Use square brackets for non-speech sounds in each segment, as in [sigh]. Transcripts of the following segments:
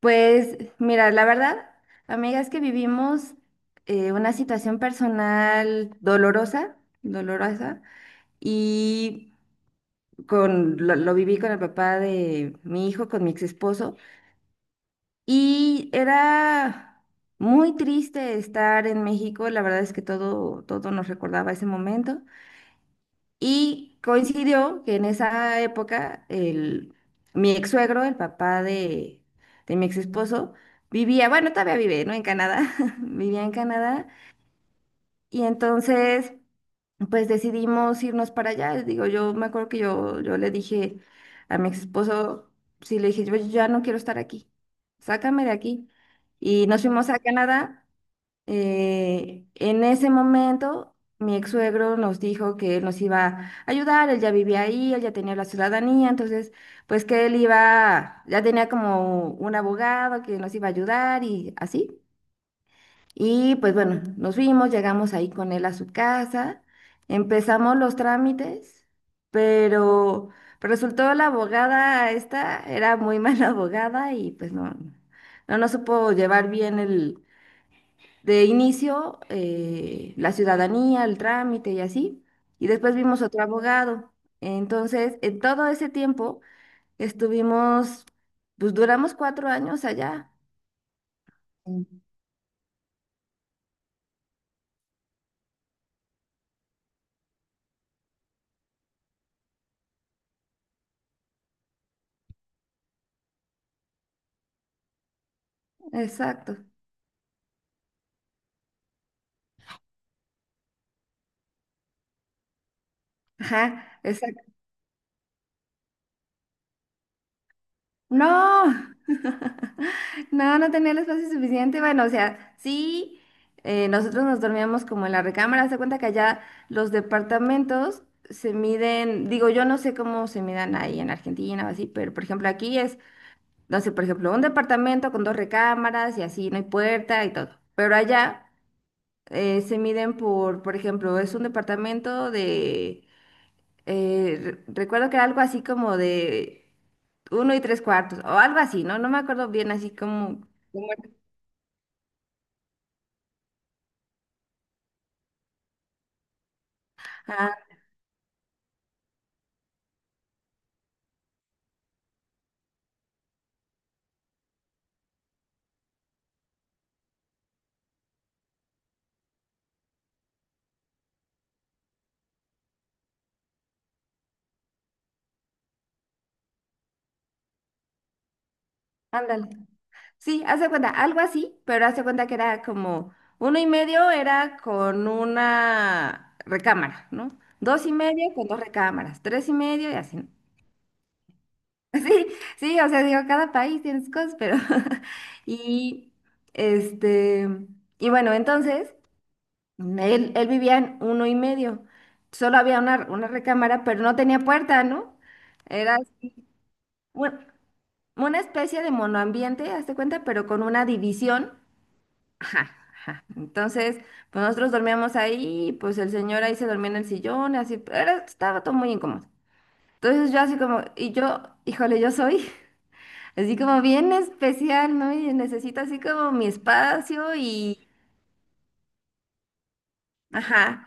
Pues mira, la verdad, amigas, que vivimos una situación personal dolorosa, dolorosa. Y lo viví con el papá de mi hijo, con mi ex esposo. Y era muy triste estar en México. La verdad es que todo, todo nos recordaba ese momento. Y coincidió que en esa época el, mi ex suegro, el papá de mi ex esposo, vivía, bueno, todavía vive, ¿no? En Canadá, [laughs] vivía en Canadá. Y entonces, pues decidimos irnos para allá. Digo, yo me acuerdo que yo le dije a mi ex esposo, sí, le dije: yo ya no quiero estar aquí, sácame de aquí. Y nos fuimos a Canadá. En ese momento, mi ex suegro nos dijo que él nos iba a ayudar, él ya vivía ahí, él ya tenía la ciudadanía. Entonces, pues que él iba, ya tenía como un abogado que nos iba a ayudar y así. Y pues bueno, nos fuimos, llegamos ahí con él a su casa, empezamos los trámites, pero pero resultó la abogada esta, era muy mala [laughs] abogada. Y pues no, no nos supo llevar bien de inicio, la ciudadanía, el trámite y así. Y después vimos otro abogado. Entonces, en todo ese tiempo estuvimos, pues duramos 4 años allá. Mm. Exacto. Ajá, exacto. No, [laughs] no, no tenía el espacio suficiente. Bueno, o sea, sí, nosotros nos dormíamos como en la recámara. Se cuenta que allá los departamentos se miden. Digo, yo no sé cómo se midan ahí en Argentina o así, pero por ejemplo aquí es... No sé, por ejemplo, un departamento con dos recámaras y así, no hay puerta y todo. Pero allá se miden por ejemplo, es un departamento de... eh, recuerdo que era algo así como de uno y tres cuartos, o algo así, ¿no? No me acuerdo bien, así como... ¿Cómo era? Ah, ándale. Sí, hace cuenta, algo así, pero hace cuenta que era como uno y medio era con una recámara, ¿no? Dos y medio con dos recámaras, tres y medio y así, ¿no? [laughs] Sí, sí, o sea, digo, cada país tiene sus cosas, pero [laughs] y este y bueno, entonces él vivía en uno y medio. Solo había una recámara, pero no tenía puerta, ¿no? Era un- una especie de monoambiente, hazte cuenta, pero con una división. Ajá, ajá. Entonces, pues nosotros dormíamos ahí, pues el señor ahí se dormía en el sillón, así, era, estaba todo muy incómodo. Entonces yo así como... Y yo, híjole, yo soy... Así como bien especial, ¿no? Y necesito así como mi espacio y... Ajá.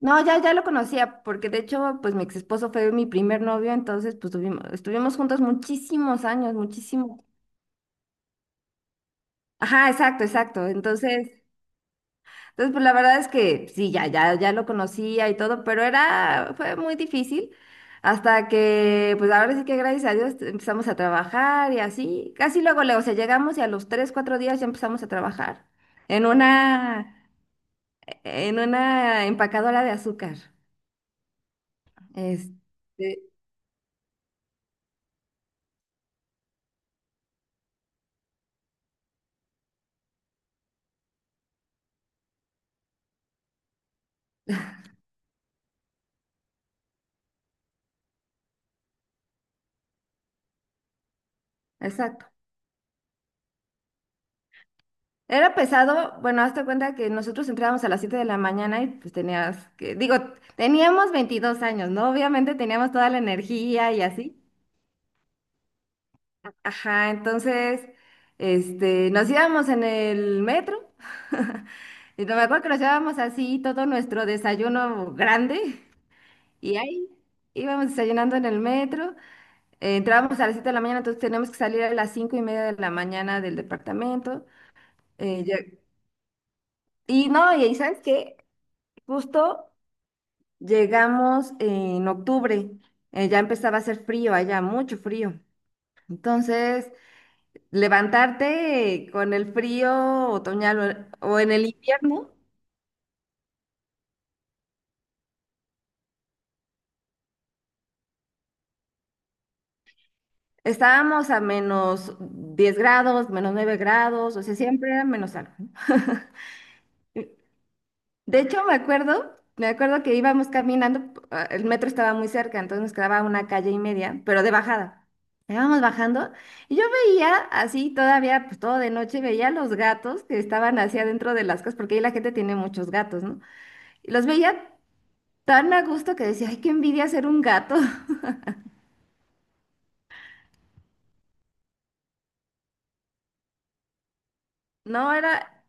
No, ya, ya lo conocía, porque de hecho, pues mi ex esposo fue mi primer novio. Entonces pues tuvimos, estuvimos juntos muchísimos años, muchísimo. Ajá, exacto, exacto. Entonces pues la verdad es que sí, ya, ya, ya lo conocía y todo, pero era, fue muy difícil hasta que, pues ahora sí que gracias a Dios empezamos a trabajar y así, casi luego, luego, o sea, llegamos, y a los 3, 4 días ya empezamos a trabajar en una... en una empacadora de azúcar. Este, exacto. Era pesado, bueno, hazte cuenta que nosotros entrábamos a las 7 de la mañana. Y pues tenías que, digo, teníamos 22 años, ¿no? Obviamente teníamos toda la energía y así. Ajá. Entonces, nos íbamos en el metro. [laughs] Y me acuerdo que nos llevábamos así todo nuestro desayuno grande, y ahí íbamos desayunando en el metro. Entrábamos a las 7 de la mañana, entonces teníamos que salir a las 5:30 de la mañana del departamento. eh, ya- y no, y ahí sabes que justo llegamos en octubre. Ya empezaba a hacer frío allá, mucho frío. Entonces, levantarte con el frío otoñal o en el invierno, estábamos a -10 grados, -9 grados, o sea, siempre era menos algo. [laughs] De hecho, me acuerdo que íbamos caminando, ah, el metro estaba muy cerca, entonces nos quedaba una calle y media, pero de bajada. Íbamos bajando y yo veía así todavía, pues todo de noche, veía los gatos que estaban hacia adentro de las casas, porque ahí la gente tiene muchos gatos, ¿no? Y los veía tan a gusto que decía, ay, qué envidia ser un gato. [laughs] No era,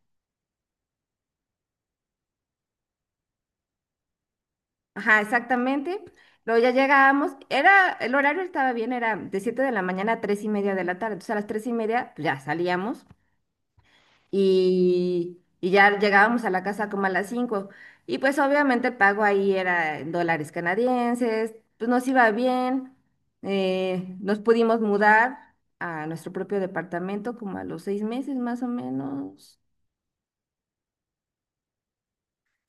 ajá, exactamente. Luego ya llegábamos, era, el horario estaba bien, era de 7 de la mañana a 3:30 de la tarde. Entonces a las 3:30 pues, ya salíamos, y ya llegábamos a la casa como a las 5. Y pues obviamente el pago ahí era en dólares canadienses, pues nos iba bien. Nos pudimos mudar a nuestro propio departamento como a los 6 meses, más o menos.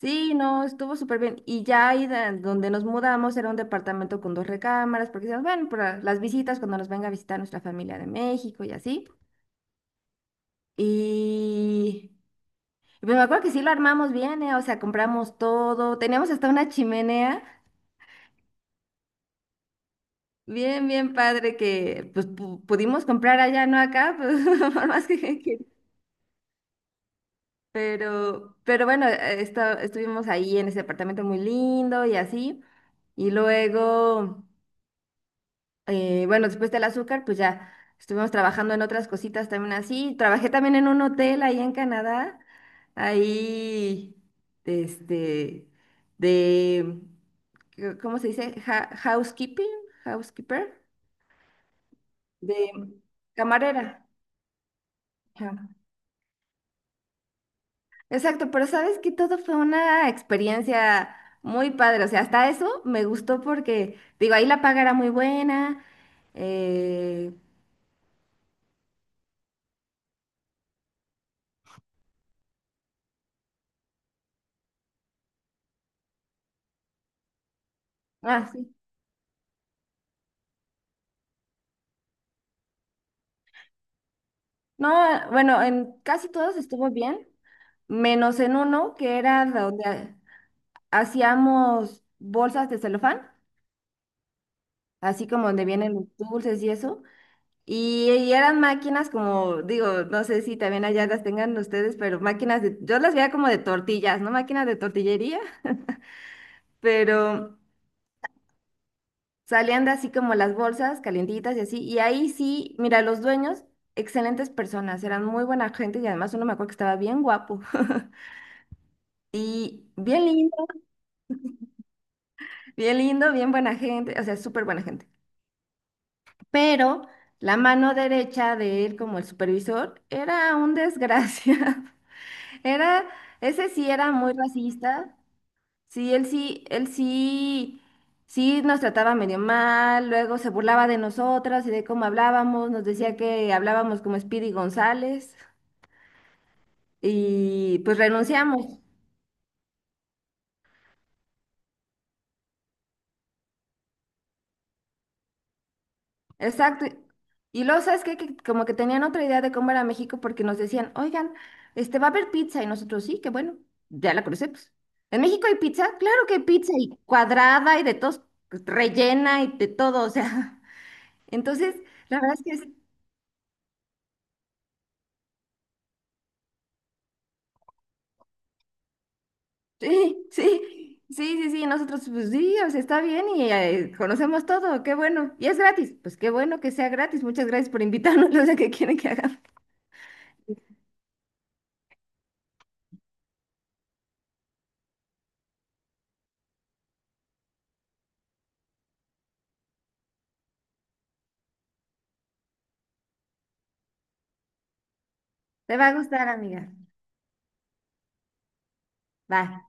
Sí, no, estuvo súper bien. Y ya ahí donde nos mudamos era un departamento con dos recámaras, porque decíamos, bueno, para las visitas, cuando nos venga a visitar nuestra familia de México y así. Y pero me acuerdo que sí lo armamos bien, ¿eh? O sea, compramos todo. Teníamos hasta una chimenea. Bien, bien padre que pues pudimos comprar allá, no acá, pues [laughs] por más que... [laughs] que... Pero bueno, estuvimos ahí en ese apartamento muy lindo y así. Y luego... bueno, después del azúcar, pues ya estuvimos trabajando en otras cositas también así. Trabajé también en un hotel ahí en Canadá, ahí, este, de, ¿cómo se dice? Housekeeping, housekeeper, de camarera. Ajá. Exacto, pero sabes que todo fue una experiencia muy padre, o sea, hasta eso me gustó porque, digo, ahí la paga era muy buena. Eh, ah, sí. No, bueno, en casi todos estuvo bien, menos en uno que era donde hacíamos bolsas de celofán, así como donde vienen los dulces y eso. Y eran máquinas como, digo, no sé si también allá las tengan ustedes, pero máquinas de... yo las veía como de tortillas, ¿no? Máquinas de tortillería. [laughs] Pero salían de así como las bolsas calientitas y así. Y ahí sí, mira, los dueños, excelentes personas, eran muy buena gente, y además uno me acuerdo que estaba bien guapo. [laughs] Y bien lindo. Bien lindo, bien buena gente, o sea, súper buena gente. Pero la mano derecha de él como el supervisor era un desgracia. [laughs] Era, ese sí era muy racista. Sí, él sí, él sí, sí nos trataba medio mal, luego se burlaba de nosotras y de cómo hablábamos, nos decía que hablábamos como Speedy González, y pues renunciamos. Exacto. Y luego, ¿sabes qué? Que como que tenían otra idea de cómo era México, porque nos decían: oigan, va a haber pizza y nosotros sí, que bueno, ya la conocemos. ¿En México hay pizza? Claro que hay pizza, y cuadrada y de todos, pues, rellena y de todo, o sea. [laughs] Entonces, la verdad es que sí, sí, sí, sí, sí, nosotros pues sí, o sea, está bien, y conocemos todo, qué bueno. Y es gratis, pues qué bueno que sea gratis. Muchas gracias por invitarnos, [laughs] o sea, que quieren que hagamos. Te va a gustar, amiga. Bye.